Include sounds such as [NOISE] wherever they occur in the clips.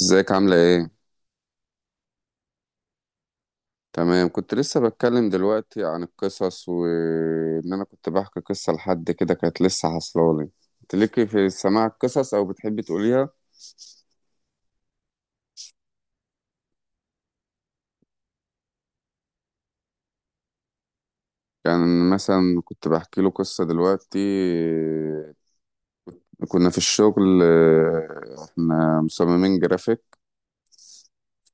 ازيك عاملة ايه؟ تمام كنت لسه بتكلم دلوقتي عن القصص وان انا كنت بحكي قصة لحد كده كانت لسه حصلالي. انت ليكي في سماع القصص او بتحبي تقوليها؟ يعني مثلا كنت بحكي له قصة دلوقتي. آه، كنا في الشغل، احنا مصممين جرافيك.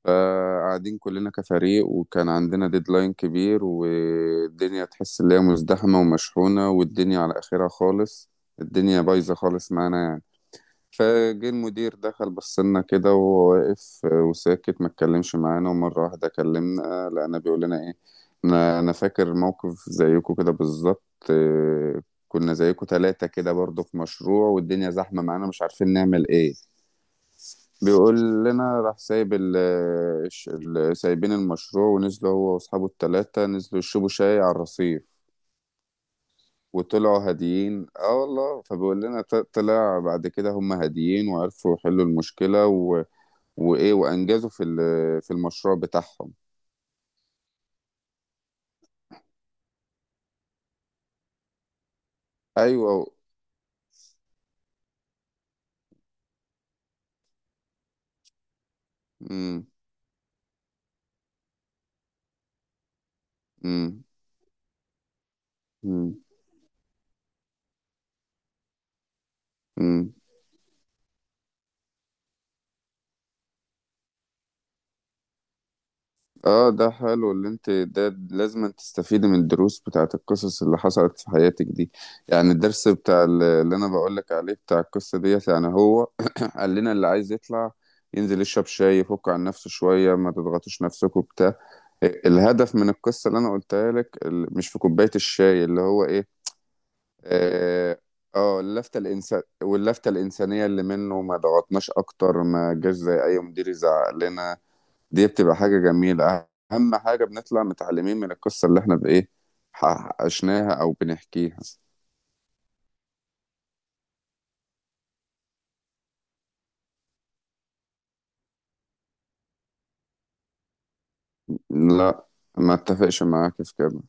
فقاعدين كلنا كفريق وكان عندنا ديدلاين كبير والدنيا تحس ان هي مزدحمة ومشحونة والدنيا على اخرها خالص. الدنيا بايظة خالص معانا يعني. فجه المدير دخل بص لنا كده وهو واقف وساكت ما اتكلمش معانا ومرة واحدة كلمنا لقينا بيقول لنا ايه، انا فاكر موقف زيكم كده بالظبط. آه، كنا زيكم ثلاثة كده برضو في مشروع والدنيا زحمة معانا مش عارفين نعمل ايه. بيقول لنا راح سايب سايبين المشروع، ونزلوا هو واصحابه الثلاثة نزلوا يشربوا شاي على الرصيف. وطلعوا هاديين اه والله، فبيقول لنا طلع بعد كده هم هاديين وعرفوا يحلوا المشكلة. وايه وانجزوا في المشروع بتاعهم. ايوه. امم. امم. امم. امم. اه، ده حلو اللي انت ده لازم تستفيدي من الدروس بتاعت القصص اللي حصلت في حياتك دي. يعني الدرس بتاع اللي انا بقولك عليه بتاع القصة ديت يعني هو [COUGHS] [CLEARS THROAT] قال لنا اللي عايز يطلع ينزل يشرب شاي يفك عن نفسه شوية، ما تضغطوش نفسكم بتاع. الهدف من القصة اللي انا قلتها لك مش في كوباية الشاي، اللي هو ايه، اه، اللفتة الإنسان واللفتة الإنسانية اللي منه، ما ضغطناش أكتر، ما جاش زي أي مدير يزعق لنا. دي بتبقى حاجة جميلة. أهم حاجة بنطلع متعلمين من القصة اللي احنا بإيه عشناها أو بنحكيها. لا، ما اتفقش معاك في كده.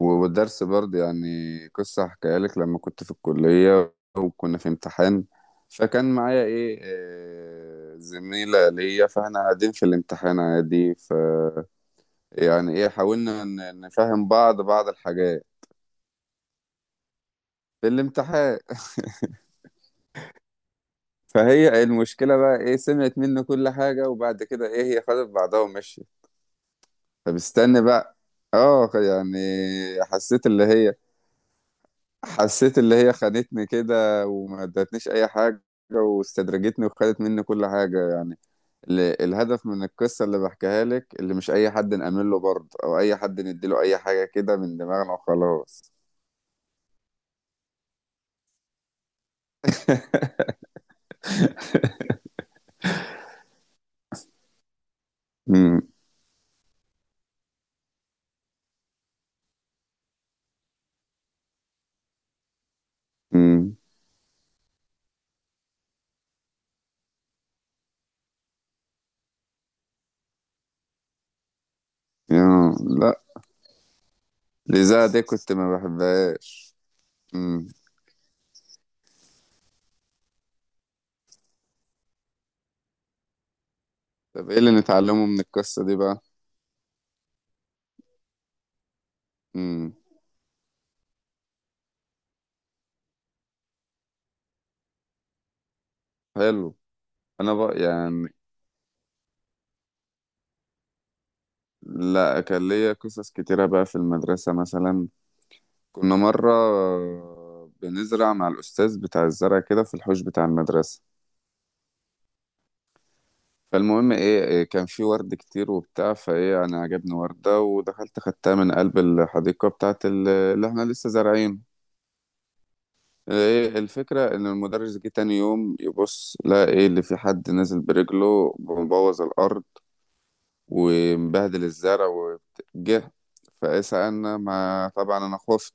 والدرس برضه يعني قصة هحكيها لك لما كنت في الكلية وكنا في امتحان. فكان معايا ايه، زميلة ليا، فاحنا قاعدين في الامتحان عادي، يعني ايه، حاولنا نفهم بعض الحاجات في الامتحان. فهي المشكلة بقى ايه، سمعت منه كل حاجة وبعد كده ايه هي خدت بعضها ومشيت. طب استنى بقى، اه يعني، حسيت اللي هي حسيت اللي هي خانتني كده وما ادتنيش اي حاجة، واستدرجتني وخدت مني كل حاجة يعني. الهدف من القصة اللي بحكيها لك اللي مش اي حد نأمن له برضه، او اي حد نديله اي حاجة كده من دماغنا وخلاص. امم. امم. يا لا، الإذاعة دي كنت ما بحبهاش. مم. طب ايه اللي نتعلمه من القصة دي بقى؟ مم. حلو. انا بقى يعني، لا كان ليا قصص كتيرة بقى في المدرسة مثلا. كنا مرة بنزرع مع الأستاذ بتاع الزرع كده في الحوش بتاع المدرسة. فالمهم ايه إيه، كان في ورد كتير وبتاع، فايه انا عجبني وردة ودخلت خدتها من قلب الحديقة بتاعت اللي احنا لسه زارعين. ايه الفكرة، ان المدرس جه تاني يوم يبص لقى ايه، اللي في حد نازل برجله مبوظ الارض ومبهدل الزرع وجه فايه سألنا، ما طبعا انا خفت،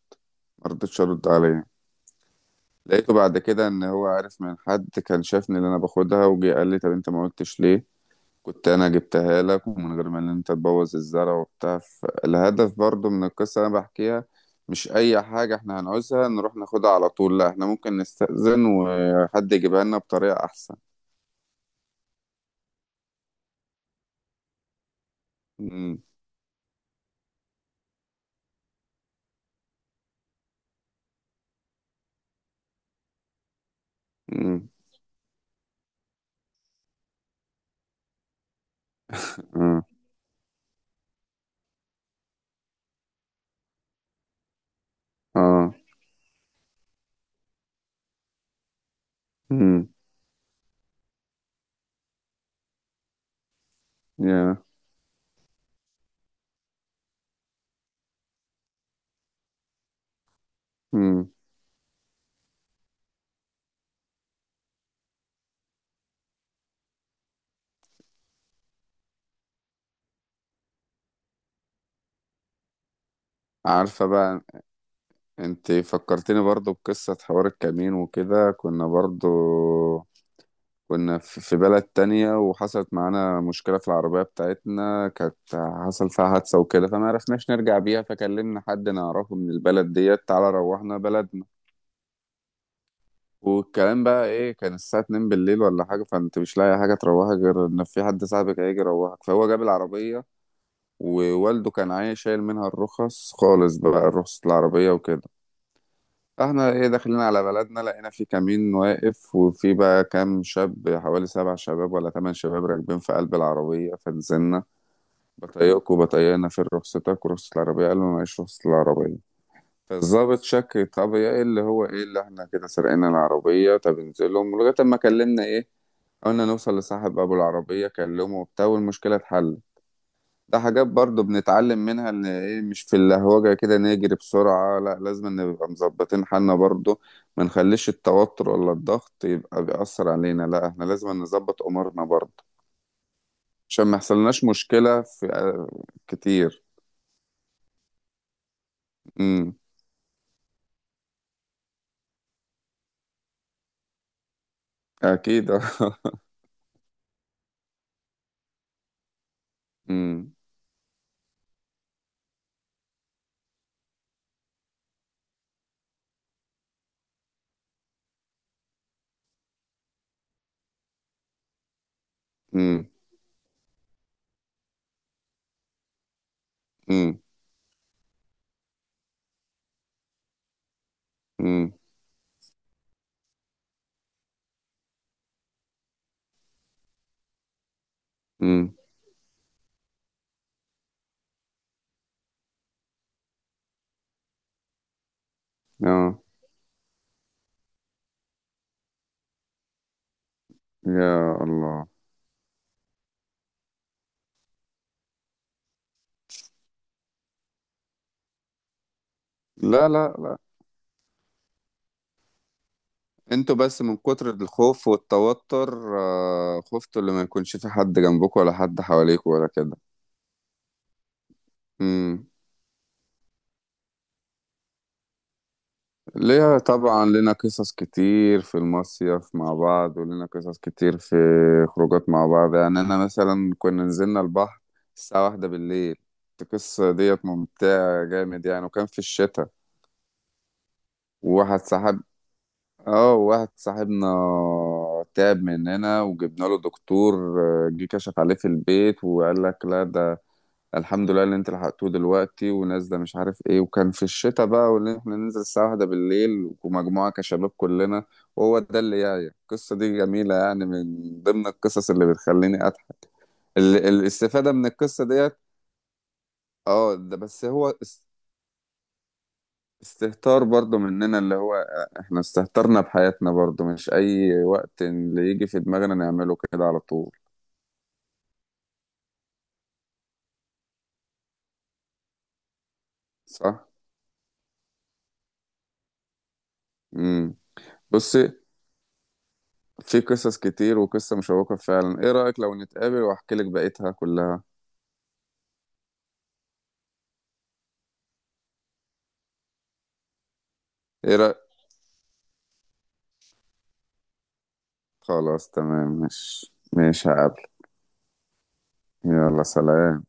مرضتش ارد عليه. لقيته بعد كده ان هو عارف من حد كان شافني اللي انا باخدها، وجه قال لي طب انت ما قلتش ليه، كنت انا جبتها لك ومن غير ما ان انت تبوظ الزرع وبتاع. الهدف برضو من القصة اللي انا بحكيها، مش اي حاجة احنا هنعوزها نروح ناخدها على طول، لا احنا ممكن نستأذن وحد يجيبها لنا بطريقة احسن. امم. امم. اه. اه. امم. يا. امم. عارفة بقى، انت فكرتني برضو بقصة حوار الكمين وكده. كنا برضو كنا في بلد تانية وحصلت معانا مشكلة في العربية بتاعتنا، كانت حصل فيها حادثة وكده فما عرفناش نرجع بيها، فكلمنا حد نعرفه من البلد ديت تعالى روحنا بلدنا. والكلام بقى ايه، كان الساعة 2 بالليل ولا حاجة، فانت مش لاقي حاجة تروحك غير ان في حد صاحبك هيجي يروحك، فهو جاب العربية. ووالده كان عايز شايل منها الرخص خالص بقى، رخصة العربية وكده. احنا ايه داخلين على بلدنا لقينا في كمين واقف، وفي بقى كام شاب، حوالي سبع شباب ولا ثمان شباب راكبين في قلب العربية فنزلنا. بطيقكوا بطيقنا، فين رخصتك ورخصة العربية، قالوا معيش رخصة العربية. فالظابط شك، طب يا ايه اللي هو ايه، اللي احنا كده سرقنا العربية، طب انزلهم لغاية ما كلمنا ايه، قلنا نوصل لصاحب ابو العربية كلمه وبتاع، والمشكلة اتحلت. ده حاجات برضو بنتعلم منها، ان ايه مش في اللهوجة كده نجري بسرعة، لا لازم نبقى مظبطين حالنا برضو، ما نخليش التوتر ولا الضغط يبقى بيأثر علينا، لا احنا لازم نظبط امورنا برضو عشان ما يحصلناش مشكلة في، كتير. امم. اكيد. [LAUGHS] آه. امم. امم. امم. امم. امم. اه. يا الله. لا، لا، لا. انتوا بس من كتر الخوف والتوتر خفتوا اللي ما يكونش في حد جنبكم ولا حد حواليكم ولا كده. امم. ليها طبعا، لنا قصص كتير في المصيف مع بعض، ولنا قصص كتير في خروجات مع بعض يعني. أنا مثلا كنا نزلنا البحر الساعة واحدة بالليل. القصة ديت ممتعة جامد يعني، وكان في الشتاء. وواحد صاحب، اه واحد صاحبنا تعب مننا، وجبنا له دكتور، جه كشف عليه في البيت وقال لك لا، الحمد لله اللي انت لحقته دلوقتي ونازله مش عارف ايه. وكان في الشتاء بقى، واللي احنا ننزل الساعه واحدة بالليل ومجموعه كشباب كلنا، وهو ده اللي جاي. القصه دي جميله يعني، من ضمن القصص اللي بتخليني اضحك. الاستفاده من القصه ديت، اه، ده بس هو استهتار برضو مننا، اللي هو احنا استهترنا بحياتنا برضو، مش اي وقت اللي يجي في دماغنا نعمله كده على طول. صح. امم. بص، في قصص كتير، وقصة مشوقة فعلا، ايه رأيك لو نتقابل واحكي لك بقيتها كلها؟ ايه رأيك؟ خلاص تمام، مش هقابلك. يلا سلام.